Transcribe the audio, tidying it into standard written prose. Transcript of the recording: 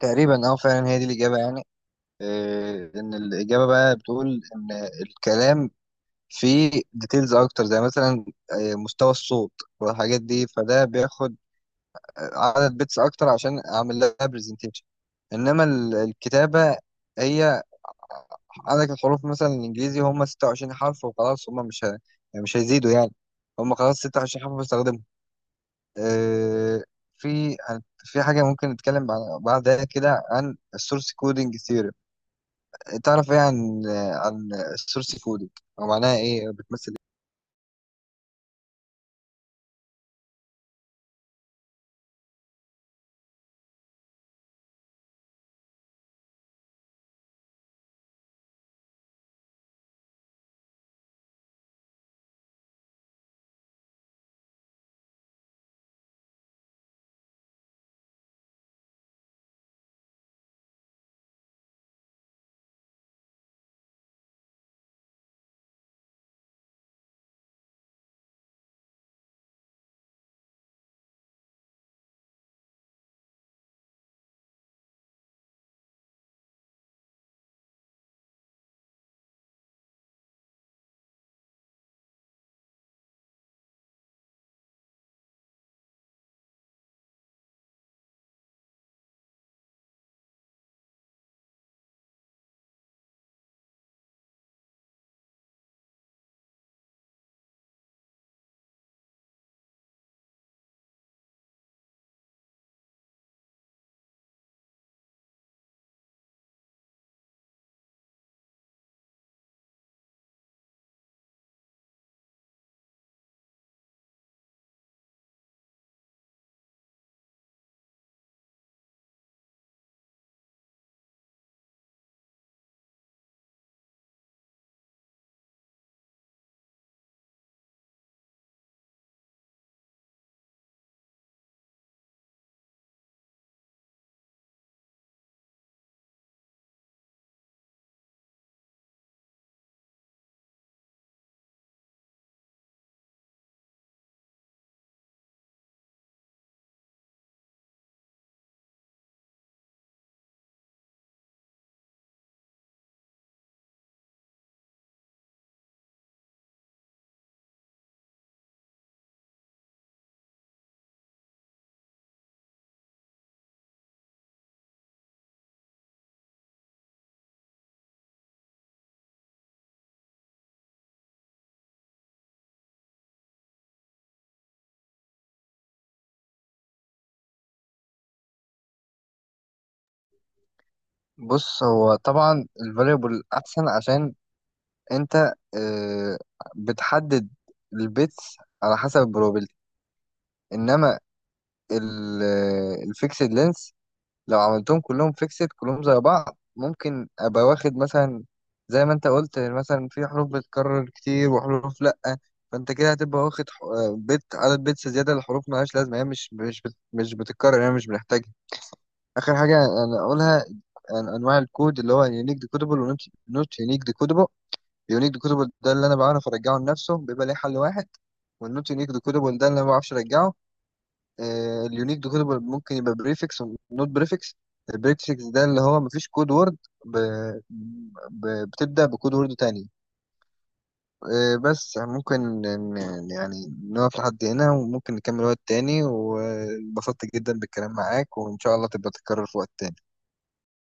تقريبا، اه، فعلا هي دي الإجابة يعني. إن الإجابة بقى بتقول إن الكلام فيه ديتيلز أكتر، زي مثلا مستوى الصوت والحاجات دي، فده بياخد عدد بيتس أكتر عشان أعمل لها برزنتيشن. إنما الكتابة هي، عندك الحروف مثلا الإنجليزي هم 26 حرف وخلاص، هم مش يعني مش هيزيدوا يعني، هم خلاص 26 حرف بستخدمهم. آه، في في حاجة ممكن نتكلم بعدها كده عن السورس كودينج. تعرف ايه عن السورس كودنج او معناها ايه أو بتمثل ايه؟ بص، هو طبعا الفاريبل احسن عشان انت آه، بتحدد البيتس على حسب البروبابيلتي. انما الفيكسد لينس لو عملتهم كلهم فيكسد كلهم زي بعض، ممكن ابقى واخد مثلا، زي ما انت قلت، مثلا في حروف بتتكرر كتير وحروف لا، فانت كده هتبقى واخد بيت عدد بيتس زياده لحروف ملهاش لازمه، هي مش مش بتتكرر، هي مش بنحتاجها. اخر حاجه انا اقولها عن انواع الكود، اللي هو يونيك ديكودبل ونوت يونيك ديكودبل. يونيك ديكودبل ده اللي انا بعرف ارجعه لنفسه، بيبقى ليه حل واحد، والنوت يونيك ديكودبل ده اللي انا ما بعرفش ارجعه. اليونيك ديكودبل ممكن يبقى بريفكس ونوت بريفكس. البريفكس ده اللي هو مفيش كود وورد ب... بتبدا بكود وورد تاني. بس ممكن يعني نقف لحد هنا وممكن نكمل وقت تاني، وانبسطت جدا بالكلام معاك وإن شاء الله تبقى تتكرر في وقت تاني.